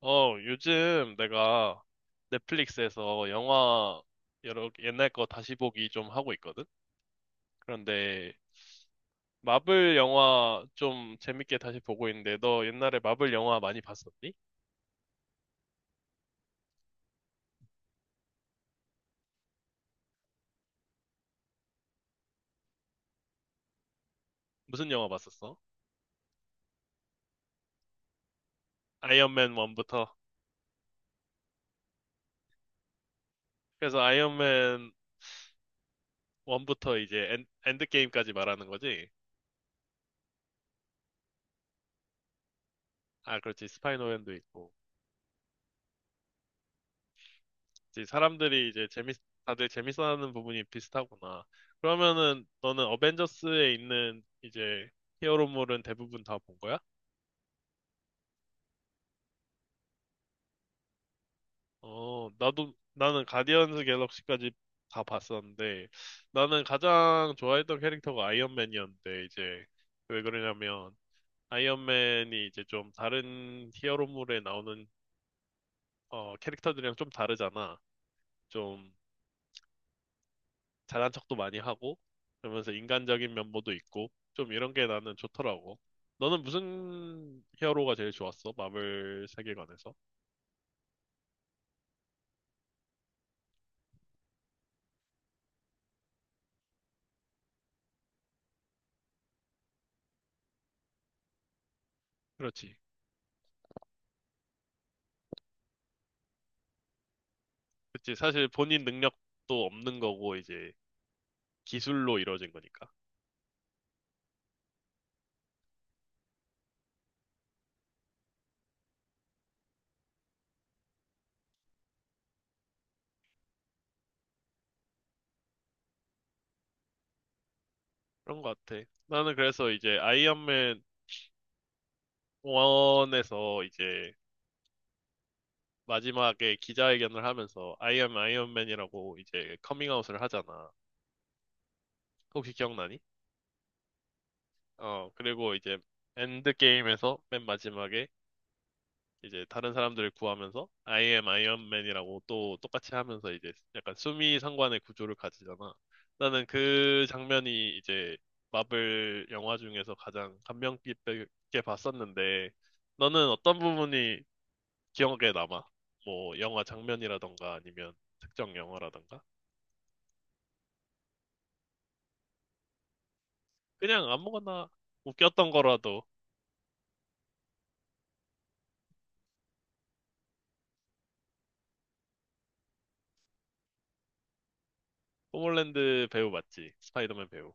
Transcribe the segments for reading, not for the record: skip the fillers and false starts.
요즘 내가 넷플릭스에서 영화 여러 옛날 거 다시 보기 좀 하고 있거든? 그런데 마블 영화 좀 재밌게 다시 보고 있는데 너 옛날에 마블 영화 많이 봤었니? 무슨 영화 봤었어? 아이언맨 1부터. 그래서 아이언맨 1부터 이제 엔드게임까지 말하는 거지? 아, 그렇지. 스파이노맨도 있고. 이제 사람들이 이제 다들 재밌어하는 부분이 비슷하구나. 그러면은 너는 어벤져스에 있는 이제 히어로물은 대부분 다 본 거야? 나도, 나는 가디언즈 갤럭시까지 다 봤었는데, 나는 가장 좋아했던 캐릭터가 아이언맨이었는데, 이제, 왜 그러냐면, 아이언맨이 이제 좀 다른 히어로물에 나오는, 캐릭터들이랑 좀 다르잖아. 좀 잘난 척도 많이 하고 그러면서 인간적인 면모도 있고 좀 이런 게 나는 좋더라고. 너는 무슨 히어로가 제일 좋았어? 마블 세계관에서? 그렇지. 그렇지. 사실 본인 능력도 없는 거고 이제 기술로 이루어진 거니까. 그런 것 같아. 나는 그래서 이제 아이언맨 1에서 이제 마지막에 기자회견을 하면서 I am 아이언맨이라고 이제 커밍아웃을 하잖아. 혹시 기억나니? 그리고 이제 엔드게임에서 맨 마지막에 이제 다른 사람들을 구하면서 I am 아이언맨이라고 또 똑같이 하면서 이제 약간 수미 상관의 구조를 가지잖아. 나는 그 장면이 이제 마블 영화 중에서 가장 감명 깊게 봤었는데 너는 어떤 부분이 기억에 남아? 뭐 영화 장면이라던가 아니면 특정 영화라던가? 그냥 아무거나 웃겼던 거라도 톰홀랜드 배우 맞지? 스파이더맨 배우.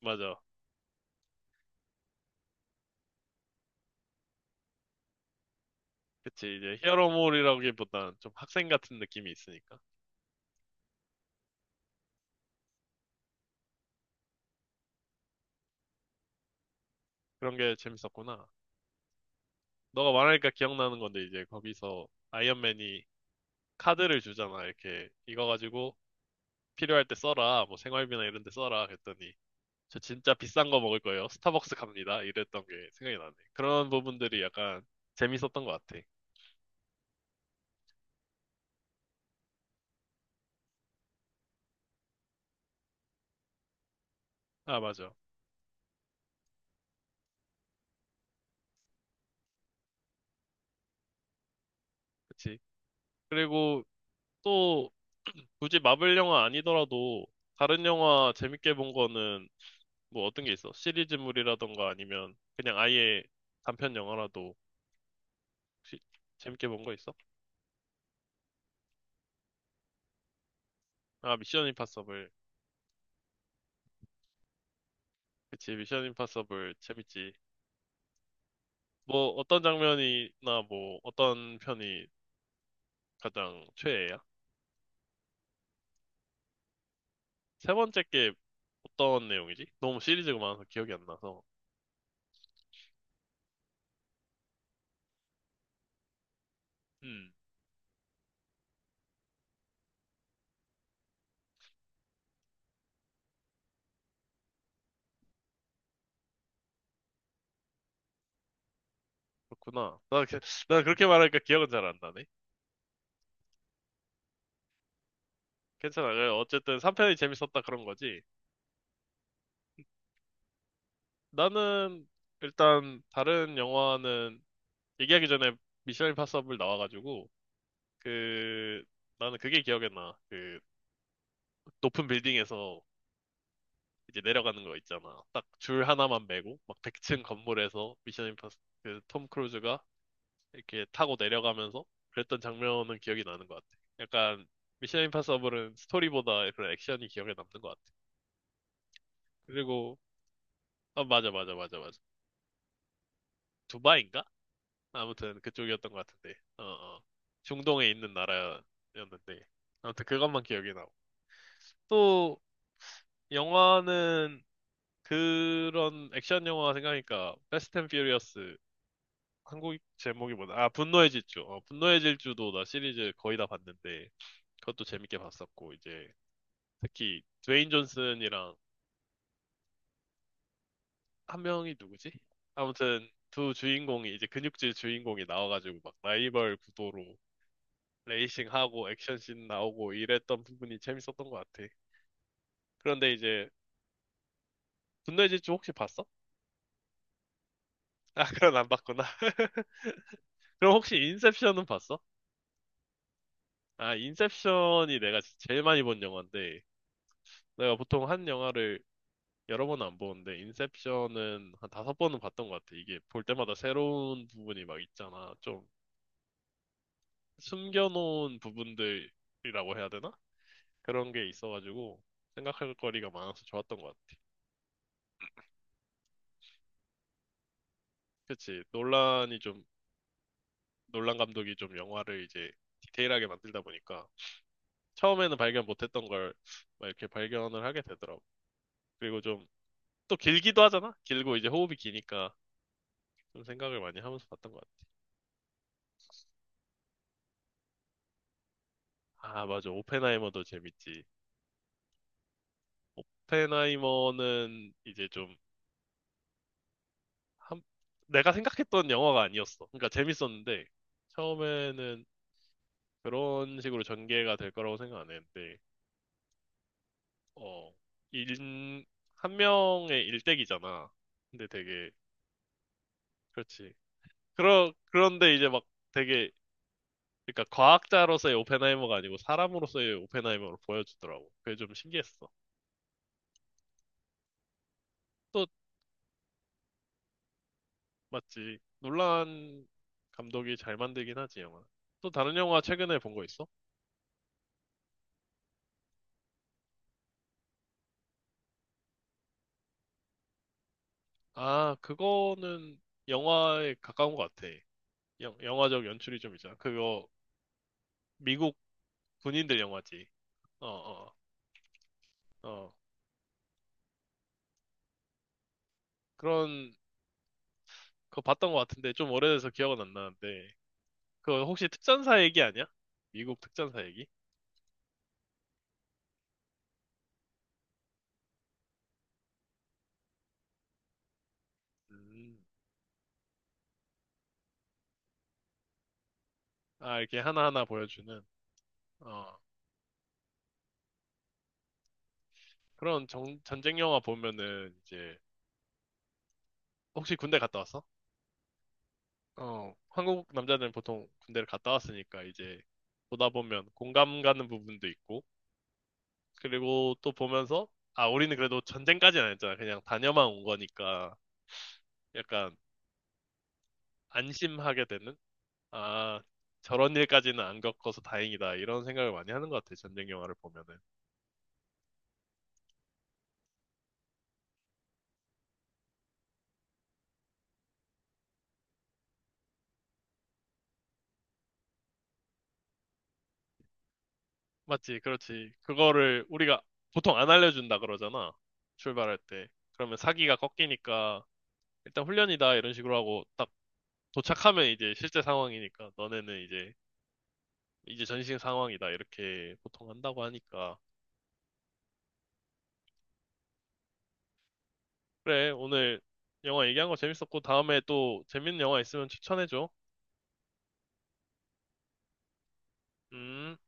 맞아. 그치, 이제 히어로물이라기보단 좀 학생 같은 느낌이 있으니까. 그런 게 재밌었구나. 너가 말하니까 기억나는 건데 이제 거기서 아이언맨이 카드를 주잖아. 이렇게 이거 가지고 필요할 때 써라. 뭐 생활비나 이런 데 써라. 그랬더니 저 진짜 비싼 거 먹을 거예요. 스타벅스 갑니다. 이랬던 게 생각이 나네. 그런 부분들이 약간 재밌었던 것 같아. 아, 맞아. 그치. 그리고 또 굳이 마블 영화 아니더라도 다른 영화 재밌게 본 거는 뭐 어떤 게 있어? 시리즈물이라던가 아니면 그냥 아예 단편 영화라도 혹시 재밌게 본 거 있어? 아, 미션 임파서블. 그치, 미션 임파서블 재밌지. 뭐 어떤 장면이나 뭐 어떤 편이 가장 최애야? 세 번째 게 어떤 내용이지? 너무 시리즈가 많아서 기억이 안 나서. 음, 그렇구나. 나 그렇게 말하니까 기억은 잘 안 나네. 괜찮아. 그래, 어쨌든 3편이 재밌었다 그런 거지. 나는 일단 다른 영화는 얘기하기 전에 미션 임파서블 나와가지고 그 나는 그게 기억에 나. 그 높은 빌딩에서 이제 내려가는 거 있잖아. 딱 줄 하나만 메고 막 100층 건물에서 미션 임파서블 그톰 크루즈가 이렇게 타고 내려가면서 그랬던 장면은 기억이 나는 것 같아. 약간 미션 임파서블은 스토리보다 그런 액션이 기억에 남는 것 같아. 그리고 아, 맞아, 맞아, 맞아, 맞아. 두바이인가? 아무튼 그쪽이었던 것 같은데. 어, 어. 중동에 있는 나라였는데 아무튼 그것만 기억이 나고. 또 영화는 그런 액션 영화 생각하니까 패스트 앤 퓨리어스 한국 제목이 뭐다아 분노의 질주. 분노의 질주도 나 시리즈 거의 다 봤는데 그것도 재밌게 봤었고 이제 특히 드웨인 존슨이랑 한 명이 누구지? 아무튼 두 주인공이 이제 근육질 주인공이 나와가지고 막 라이벌 구도로 레이싱하고 액션씬 나오고 이랬던 부분이 재밌었던 것 같아. 그런데 이제 분노의 질주 혹시 봤어? 아, 그건 안 봤구나. 그럼 혹시 인셉션은 봤어? 아, 인셉션이 내가 제일 많이 본 영화인데 내가 보통 한 영화를 여러 번은 안 보는데 인셉션은 한 다섯 번은 봤던 것 같아. 이게 볼 때마다 새로운 부분이 막 있잖아. 좀 숨겨놓은 부분들이라고 해야 되나? 그런 게 있어가지고 생각할 거리가 많아서 좋았던 것 같아. 그치. 논란 감독이 좀 영화를 이제 디테일하게 만들다 보니까 처음에는 발견 못했던 걸 막 이렇게 발견을 하게 되더라고. 그리고 좀 또 길기도 하잖아? 길고 이제 호흡이 기니까 좀 생각을 많이 하면서 봤던 것 같아. 아, 맞아. 오펜하이머도 재밌지. 오펜하이머는 이제 좀 한- 내가 생각했던 영화가 아니었어. 그러니까 재밌었는데 처음에는 그런 식으로 전개가 될 거라고 생각 안 했는데 어, 일, 한 명의 일대기잖아. 근데 되게 그렇지. 그런데 이제 막 되게 그러니까 과학자로서의 오펜하이머가 아니고 사람으로서의 오펜하이머로 보여주더라고. 그게 좀 신기했어. 또 맞지. 놀란 감독이 잘 만들긴 하지 영화. 또 다른 영화 최근에 본 거 있어? 아, 그거는 영화에 가까운 것 같아. 영화적 연출이 좀 있잖아. 그거 미국 군인들 영화지. 어, 어, 어. 그런 거 봤던 것 같은데 좀 오래돼서 기억은 안 나는데 그거 혹시 특전사 얘기 아니야? 미국 특전사 얘기? 음. 아, 이렇게 하나하나 보여주는 어. 그런 전쟁 영화 보면은 이제 혹시 군대 갔다 왔어? 어. 한국 남자들은 보통 군대를 갔다 왔으니까 이제 보다 보면 공감 가는 부분도 있고 그리고 또 보면서, 아, 우리는 그래도 전쟁까지는 안 했잖아. 그냥 다녀만 온 거니까 약간 안심하게 되는? 아, 저런 일까지는 안 겪어서 다행이다. 이런 생각을 많이 하는 것 같아. 전쟁 영화를 보면은. 맞지, 그렇지. 그거를 우리가 보통 안 알려준다 그러잖아. 출발할 때. 그러면 사기가 꺾이니까 일단 훈련이다. 이런 식으로 하고 딱 도착하면 이제 실제 상황이니까 너네는 이제 전신 상황이다. 이렇게 보통 한다고 하니까. 그래, 오늘 영화 얘기한 거 재밌었고, 다음에 또 재밌는 영화 있으면 추천해줘. 음.